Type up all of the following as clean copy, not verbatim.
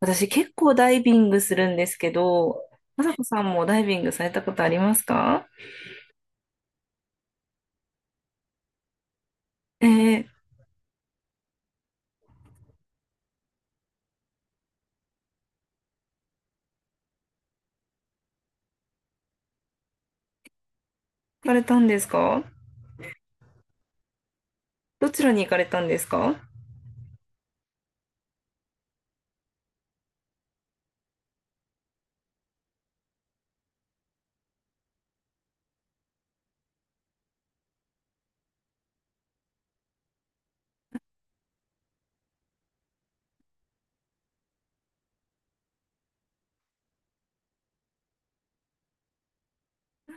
私結構ダイビングするんですけど、まさこさんもダイビングされたことありますか？行かれたんですか？どちらに行かれたんですか？は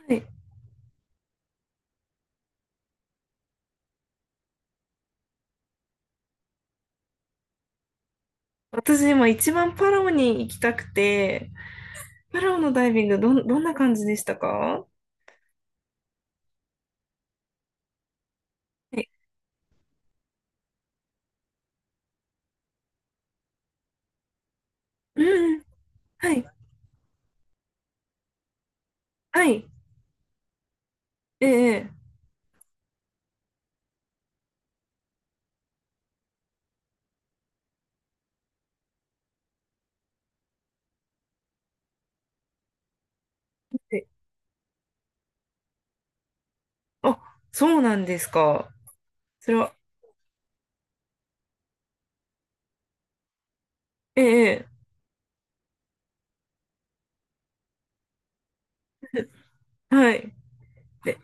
い。私今一番パラオに行きたくて、パラオのダイビングどんな感じでしたか？はい。うんうん。はい。はい。ええええ。あ、そうなんですか。それは、ええええ、はい。で、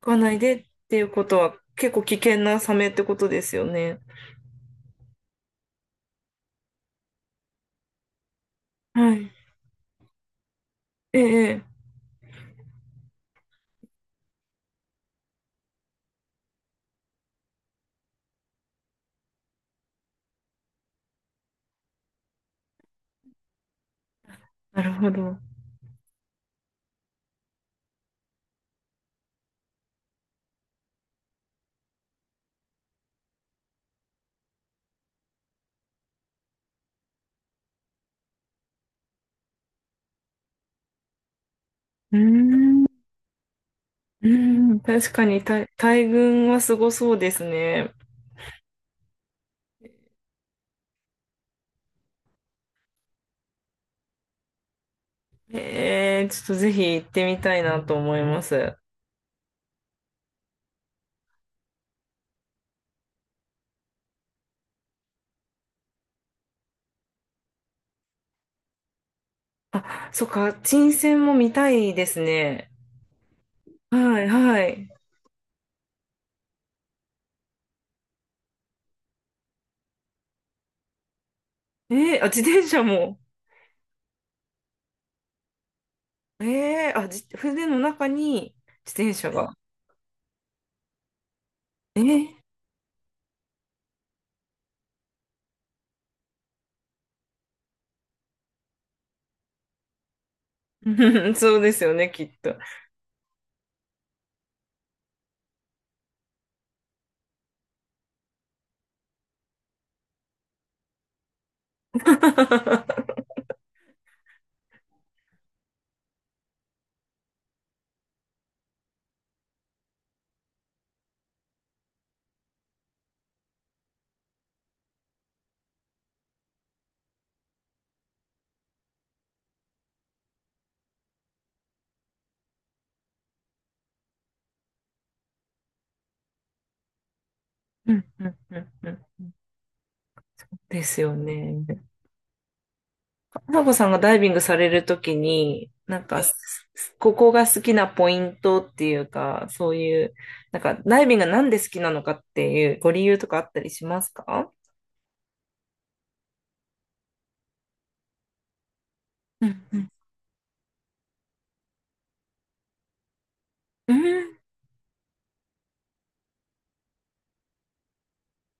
行かないでっていうことは結構危険なサメってことですよね。はい。ええええ。なるほど。うーん、うん、確かに大群はすごそうですね。えー、ちょっとぜひ行ってみたいなと思います。あ、そっか、沈船も見たいですね。はい、はい。えー、あ、自転車も。船の中に自転車が。えー、うん、そうですよね、きっと。うんうんうんうん、ですよね。花子さんがダイビングされるときに、ここが好きなポイントっていうか、そういう、なんか、ダイビングがなんで好きなのかっていうご理由とかあったりしますか？うんうんうん。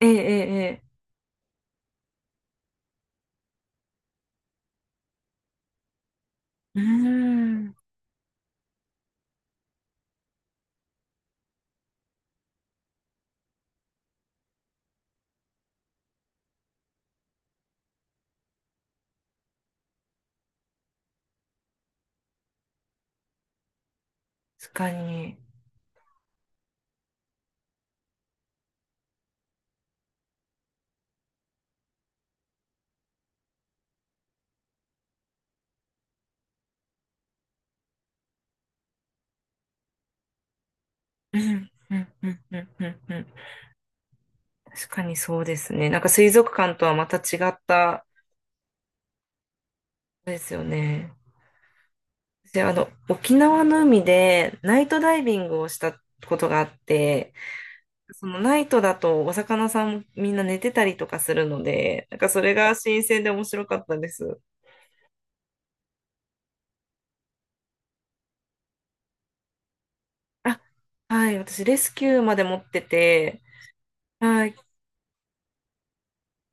ええ、ええ、ええ。うん。確かに。うんうんうんうんうんうん。確かにそうですね。なんか水族館とはまた違った、ですよね。で、あの、沖縄の海でナイトダイビングをしたことがあって、そのナイトだとお魚さんもみんな寝てたりとかするので、なんかそれが新鮮で面白かったです。あ、はい、私レスキューまで持ってて、はい、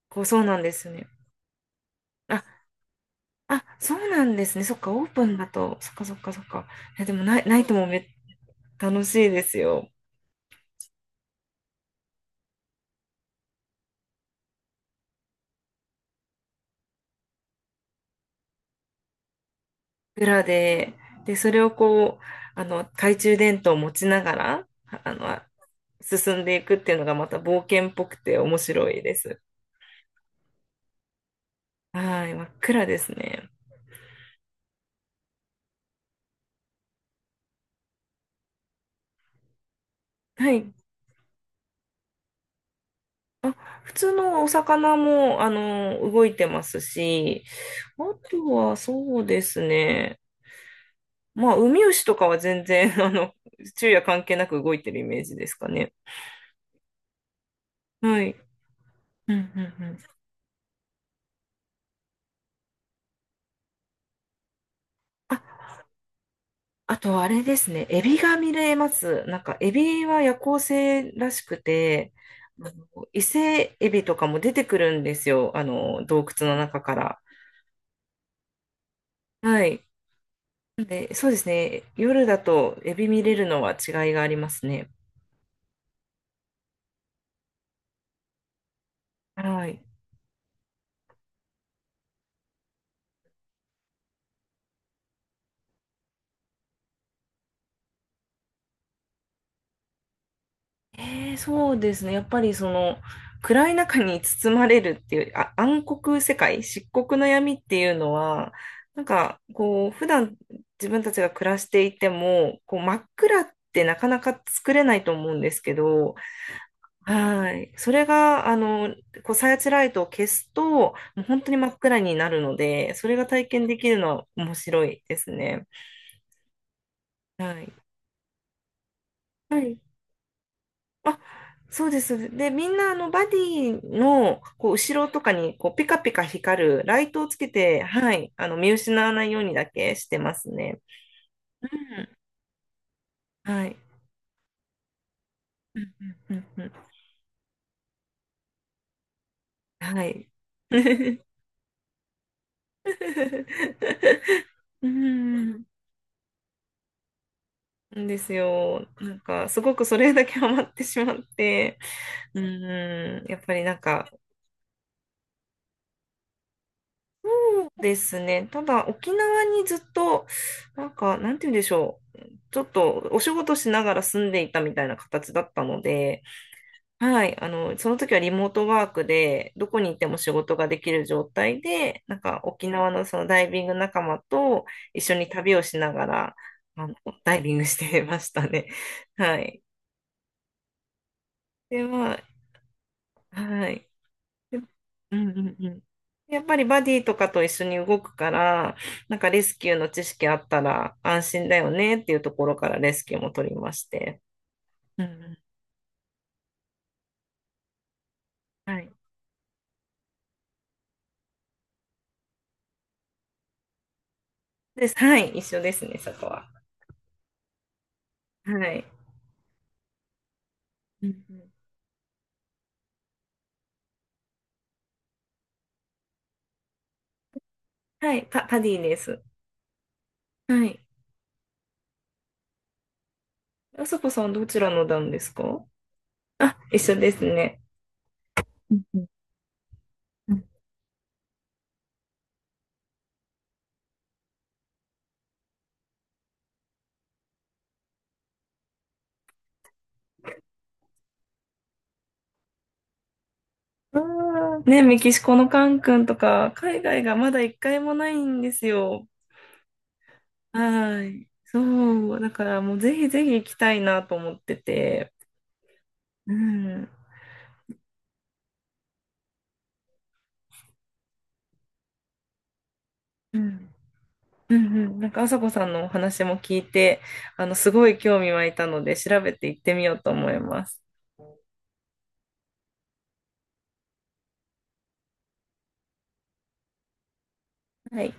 こうそうなんですね。あ、あ、そうなんですね。そっか、オープンだと、そっかそっかそっか。え、でもナイ、ナイトもめ、楽しいですよ。裏で、で、それをこう、あの、懐中電灯を持ちながら、あ、あの、進んでいくっていうのがまた冒険っぽくて面白いです。はい、真っ暗ですね。はい。普通のお魚も、あの、動いてますし、あとはそうですね。まあ、ウミウシとかは全然、あの、昼夜関係なく動いてるイメージですかね。はい。うんうんうん。あ、あとあれですね。エビが見れます。なんか、エビは夜行性らしくて、あの、伊勢エビとかも出てくるんですよ。あの、洞窟の中から。はい。で、そうですね。夜だとエビ見れるのは違いがありますね。はい。ええ、そうですね。やっぱりその暗い中に包まれるっていう、あ、暗黒世界、漆黒の闇っていうのは、なんかこう、普段自分たちが暮らしていても、こう真っ暗ってなかなか作れないと思うんですけど、はい。それが、あの、こう、サーチライトを消すと、もう本当に真っ暗になるので、それが体験できるのは面白いですね。はい。あ、そうです。で、みんなあのバディのこう後ろとかにこうピカピカ光るライトをつけて、はい、あの見失わないようにだけしてますね。うん。はい。うんうんうんうん。はい。うん。んですよ。なんか、すごくそれだけハマってしまって、うん。やっぱりなんか、そうですね。ただ、沖縄にずっと、なんか、なんて言うんでしょう。ちょっとお仕事しながら住んでいたみたいな形だったので、はい、あの、その時はリモートワークで、どこに行っても仕事ができる状態で、なんか沖縄のそのダイビング仲間と一緒に旅をしながら、あの、ダイビングしてましたね。はい。では、はい。で、うんうんうん。やっぱりバディとかと一緒に動くから、なんかレスキューの知識あったら安心だよねっていうところからレスキューも取りまして。うんうん。はい。です。はい。一緒ですね、そこは。はい。うんうん。はい。パディです。はい。あさこさんどちらの団ですか？あ、一緒ですね。うんうんうん。あーね、メキシコのカン君とか、海外がまだ一回もないんですよ。はい。そう。だからもうぜひぜひ行きたいなと思ってて。うん。うん。うんうん。なんか、あさこさんのお話も聞いて、あの、すごい興味湧いたので、調べて行ってみようと思います。はい。